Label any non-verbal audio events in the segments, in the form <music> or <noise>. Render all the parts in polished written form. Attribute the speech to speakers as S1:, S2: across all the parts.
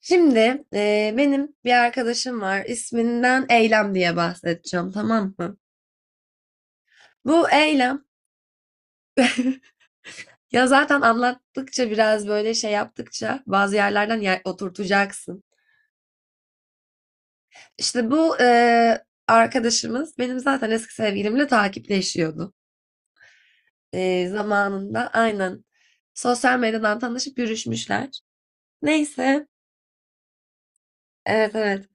S1: Şimdi benim bir arkadaşım var. İsminden Eylem diye bahsedeceğim, tamam mı? Bu Eylem <laughs> ya zaten anlattıkça biraz böyle şey yaptıkça bazı yerlerden yer oturtacaksın. İşte bu arkadaşımız benim zaten eski sevgilimle takipleşiyordu. Zamanında aynen sosyal medyadan tanışıp yürüşmüşler. Neyse, evet evet.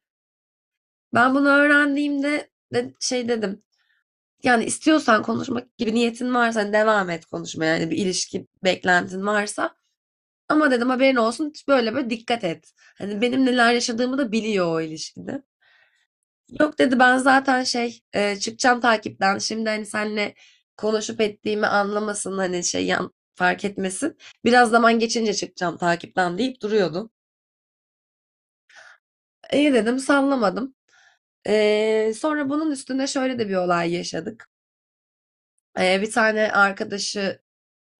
S1: Ben bunu öğrendiğimde de, şey dedim. Yani istiyorsan konuşmak gibi niyetin varsa hani devam et konuşmaya. Yani bir ilişki beklentin varsa. Ama dedim haberin olsun böyle böyle dikkat et. Hani benim neler yaşadığımı da biliyor o ilişkide. Yok dedi ben zaten şey çıkacağım takipten. Şimdi hani seninle konuşup ettiğimi anlamasın hani şey yan, fark etmesin. Biraz zaman geçince çıkacağım takipten deyip duruyordu. İyi dedim sallamadım. Sonra bunun üstüne şöyle de bir olay yaşadık. Bir tane arkadaşı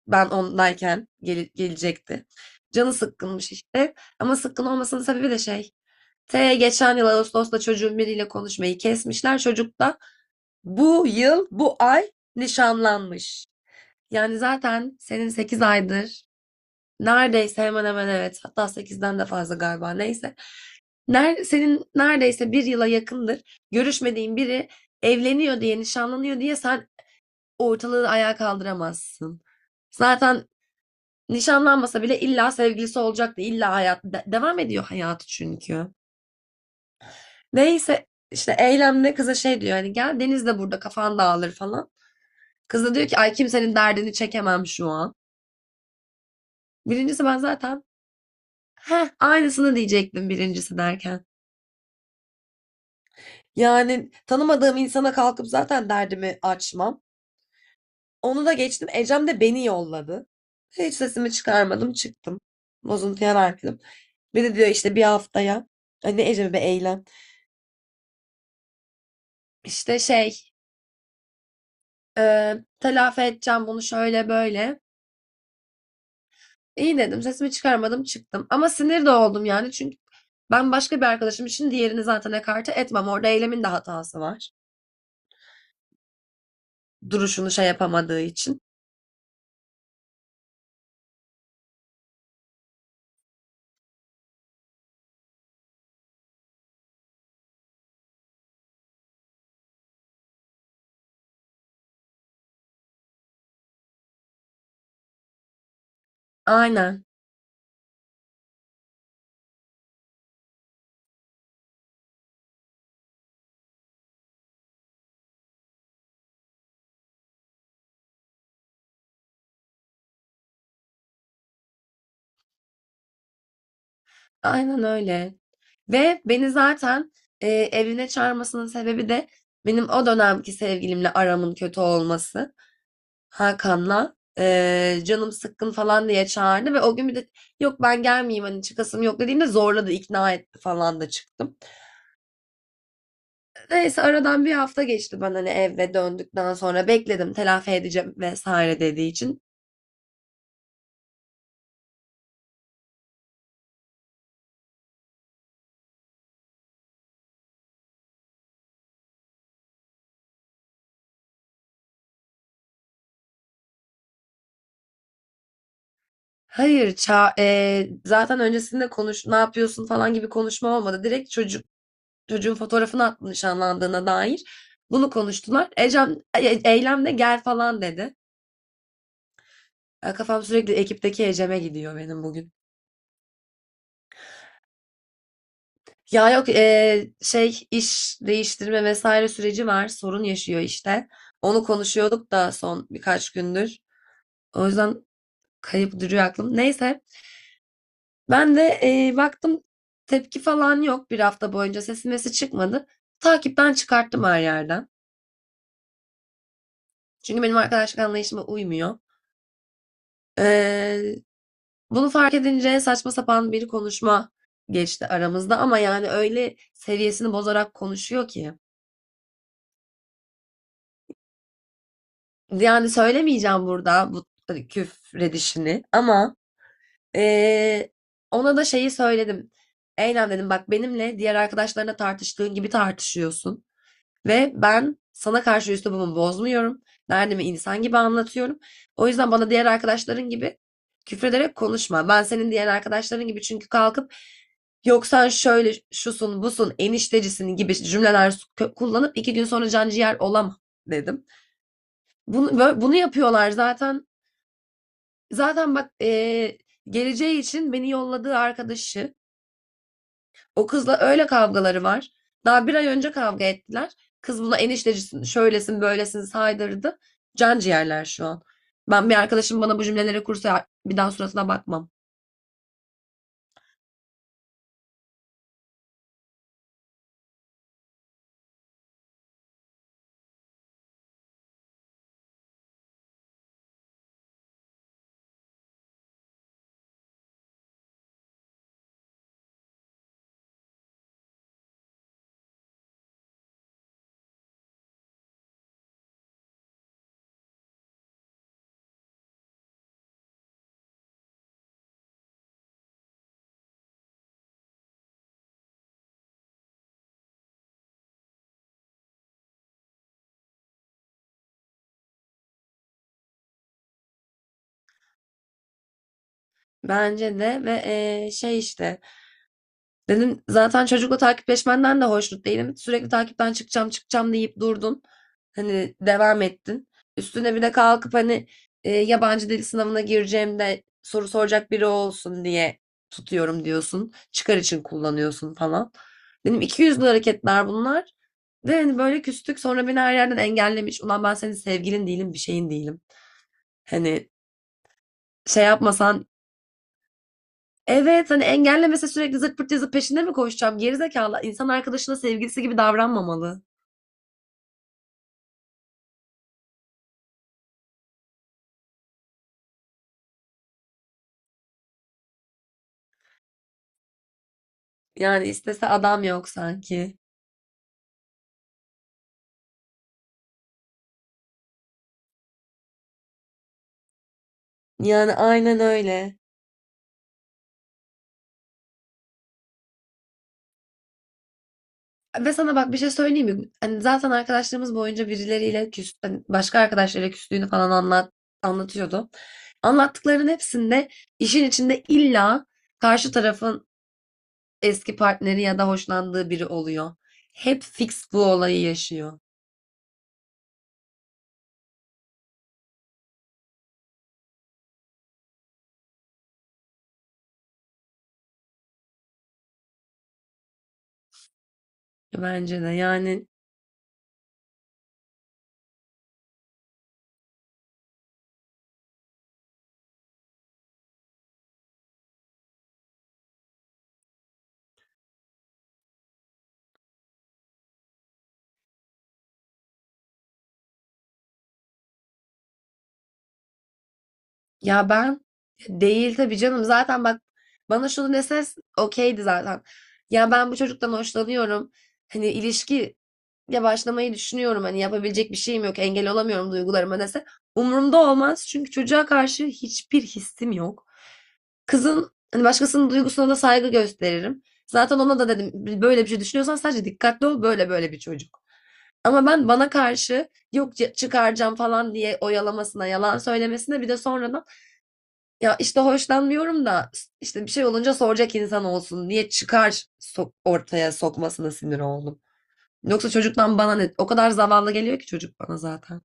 S1: ben ondayken gelecekti. Canı sıkkınmış işte. Ama sıkkın olmasının sebebi de şey. T geçen yıl Ağustos'ta çocuğun biriyle konuşmayı kesmişler. Çocuk da bu yıl, bu ay nişanlanmış. Yani zaten senin 8 aydır neredeyse hemen hemen evet hatta sekizden de fazla galiba neyse. Ner senin neredeyse bir yıla yakındır görüşmediğin biri evleniyor diye nişanlanıyor diye sen ortalığı ayağa kaldıramazsın. Zaten nişanlanmasa bile illa sevgilisi olacaktı. İlla hayat devam ediyor hayatı çünkü. Neyse işte eylemde kıza şey diyor hani gel Deniz de burada kafan dağılır falan. Kız da diyor ki ay kimsenin derdini çekemem şu an. Birincisi ben zaten heh aynısını diyecektim birincisi derken. Yani tanımadığım insana kalkıp zaten derdimi açmam. Onu da geçtim. Ecem de beni yolladı. Hiç sesimi çıkarmadım çıktım. Bozuntuya verdim. Bir de diyor işte bir haftaya. Hani Ecem'e bir eylem. İşte şey telafi edeceğim bunu şöyle böyle. İyi dedim. Sesimi çıkarmadım çıktım. Ama sinir de oldum yani. Çünkü ben başka bir arkadaşım için diğerini zaten ekarte etmem. Orada eylemin de hatası var. Duruşunu şey yapamadığı için. Aynen. Aynen öyle. Ve beni zaten evine çağırmasının sebebi de benim o dönemki sevgilimle aramın kötü olması. Hakan'la. Canım sıkkın falan diye çağırdı ve o gün bir de yok ben gelmeyeyim hani çıkasım yok dediğimde zorladı ikna etti falan da çıktım. Neyse aradan bir hafta geçti ben hani eve döndükten sonra bekledim telafi edeceğim vesaire dediği için. Hayır ça zaten öncesinde konuş ne yapıyorsun falan gibi konuşma olmadı. Direkt çocuk çocuğun fotoğrafını attı nişanlandığına dair. Bunu konuştular. Ecem, Eylem de gel falan dedi. Kafam sürekli ekipteki Ecem'e gidiyor benim bugün. Ya yok şey iş değiştirme vesaire süreci var. Sorun yaşıyor işte. Onu konuşuyorduk da son birkaç gündür. O yüzden kayıp duruyor aklım. Neyse ben de baktım tepki falan yok bir hafta boyunca sesi mesi çıkmadı. Takipten çıkarttım her yerden. Çünkü benim arkadaşlık anlayışıma uymuyor. Ee, Bunu fark edince saçma sapan bir konuşma geçti aramızda ama yani öyle seviyesini bozarak konuşuyor ki. Yani söylemeyeceğim burada bu hani, küfredişini ama eee, ona da şeyi söyledim. Eylem dedim bak benimle diğer arkadaşlarına tartıştığın gibi tartışıyorsun. Ve ben sana karşı üslubumu bozmuyorum. Derdimi insan gibi anlatıyorum. O yüzden bana diğer arkadaşların gibi küfrederek konuşma. Ben senin diğer arkadaşların gibi çünkü kalkıp yok sen şöyle şusun busun eniştecisin gibi cümleler kullanıp iki gün sonra can ciğer olamam dedim. Bunu, bunu yapıyorlar zaten. Zaten bak geleceği için beni yolladığı arkadaşı o kızla öyle kavgaları var. Daha bir ay önce kavga ettiler. Kız buna eniştecisin, şöylesin, böylesin saydırdı. Can ciğerler şu an. Ben bir arkadaşım bana bu cümleleri kursa bir daha suratına bakmam. Bence de ve şey işte dedim zaten çocukla takipleşmenden de hoşnut değilim. Sürekli takipten çıkacağım çıkacağım deyip durdun. Hani devam ettin. Üstüne bir de kalkıp hani yabancı dil sınavına gireceğim de soru soracak biri olsun diye tutuyorum diyorsun. Çıkar için kullanıyorsun falan. Benim 200'lü hareketler bunlar. Ve hani böyle küstük sonra beni her yerden engellemiş. Ulan ben senin sevgilin değilim bir şeyin değilim. Hani şey yapmasan evet hani engellemese sürekli zırt pırt yazıp peşinde mi koşacağım? Gerizekalı. İnsan arkadaşına sevgilisi gibi davranmamalı. Yani istese adam yok sanki. Yani aynen öyle. Ve sana bak bir şey söyleyeyim mi? Hani zaten arkadaşlarımız boyunca birileriyle küs, hani başka arkadaşlarıyla küstüğünü falan anlat, anlatıyordu. Anlattıklarının hepsinde işin içinde illa karşı tarafın eski partneri ya da hoşlandığı biri oluyor. Hep fix bu olayı yaşıyor. Bence de yani ya ben değil tabii canım zaten bak bana şunu dese okeydi zaten. Ya ben bu çocuktan hoşlanıyorum. Hani ilişki ya başlamayı düşünüyorum. Hani yapabilecek bir şeyim yok. Engel olamıyorum duygularıma dese. Umurumda olmaz. Çünkü çocuğa karşı hiçbir hissim yok. Kızın hani başkasının duygusuna da saygı gösteririm. Zaten ona da dedim böyle bir şey düşünüyorsan sadece dikkatli ol böyle böyle bir çocuk. Ama ben bana karşı yok çıkaracağım falan diye oyalamasına, yalan söylemesine bir de sonradan ya işte hoşlanmıyorum da işte bir şey olunca soracak insan olsun diye çıkar ortaya sokmasına sinir oldum. Yoksa çocuktan bana ne? O kadar zavallı geliyor ki çocuk bana zaten.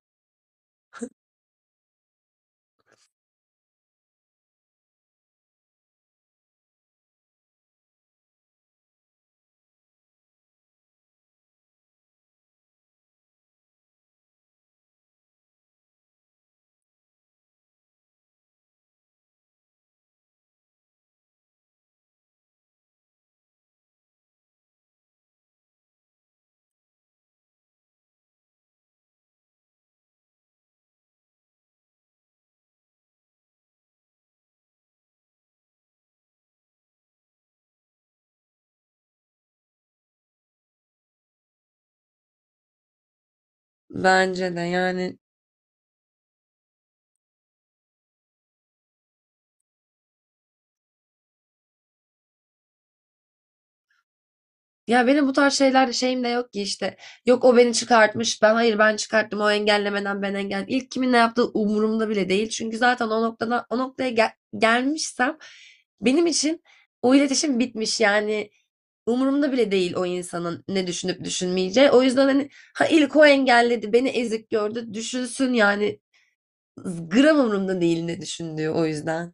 S1: Bence de yani ya benim bu tarz şeyler şeyim de yok ki işte. Yok o beni çıkartmış. Ben hayır ben çıkarttım. O engellemeden ben engel. İlk kimin ne yaptığı umurumda bile değil. Çünkü zaten o noktada gelmişsem benim için o iletişim bitmiş. Yani umurumda bile değil o insanın ne düşünüp düşünmeyeceği. O yüzden hani ha ilk o engelledi, beni ezik gördü. Düşünsün yani gram umurumda değil ne düşündüğü o yüzden.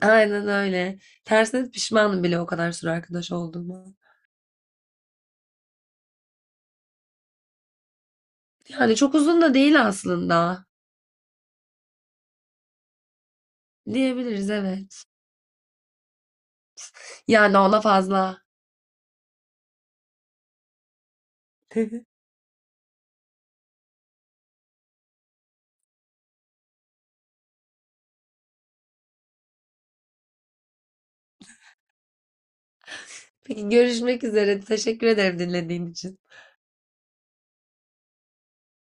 S1: Aynen öyle. Tersine pişmanım bile o kadar süre arkadaş olduğuma. Yani çok uzun da değil aslında. Diyebiliriz evet. Yani ona fazla. <laughs> Peki görüşmek üzere. Teşekkür ederim dinlediğin için.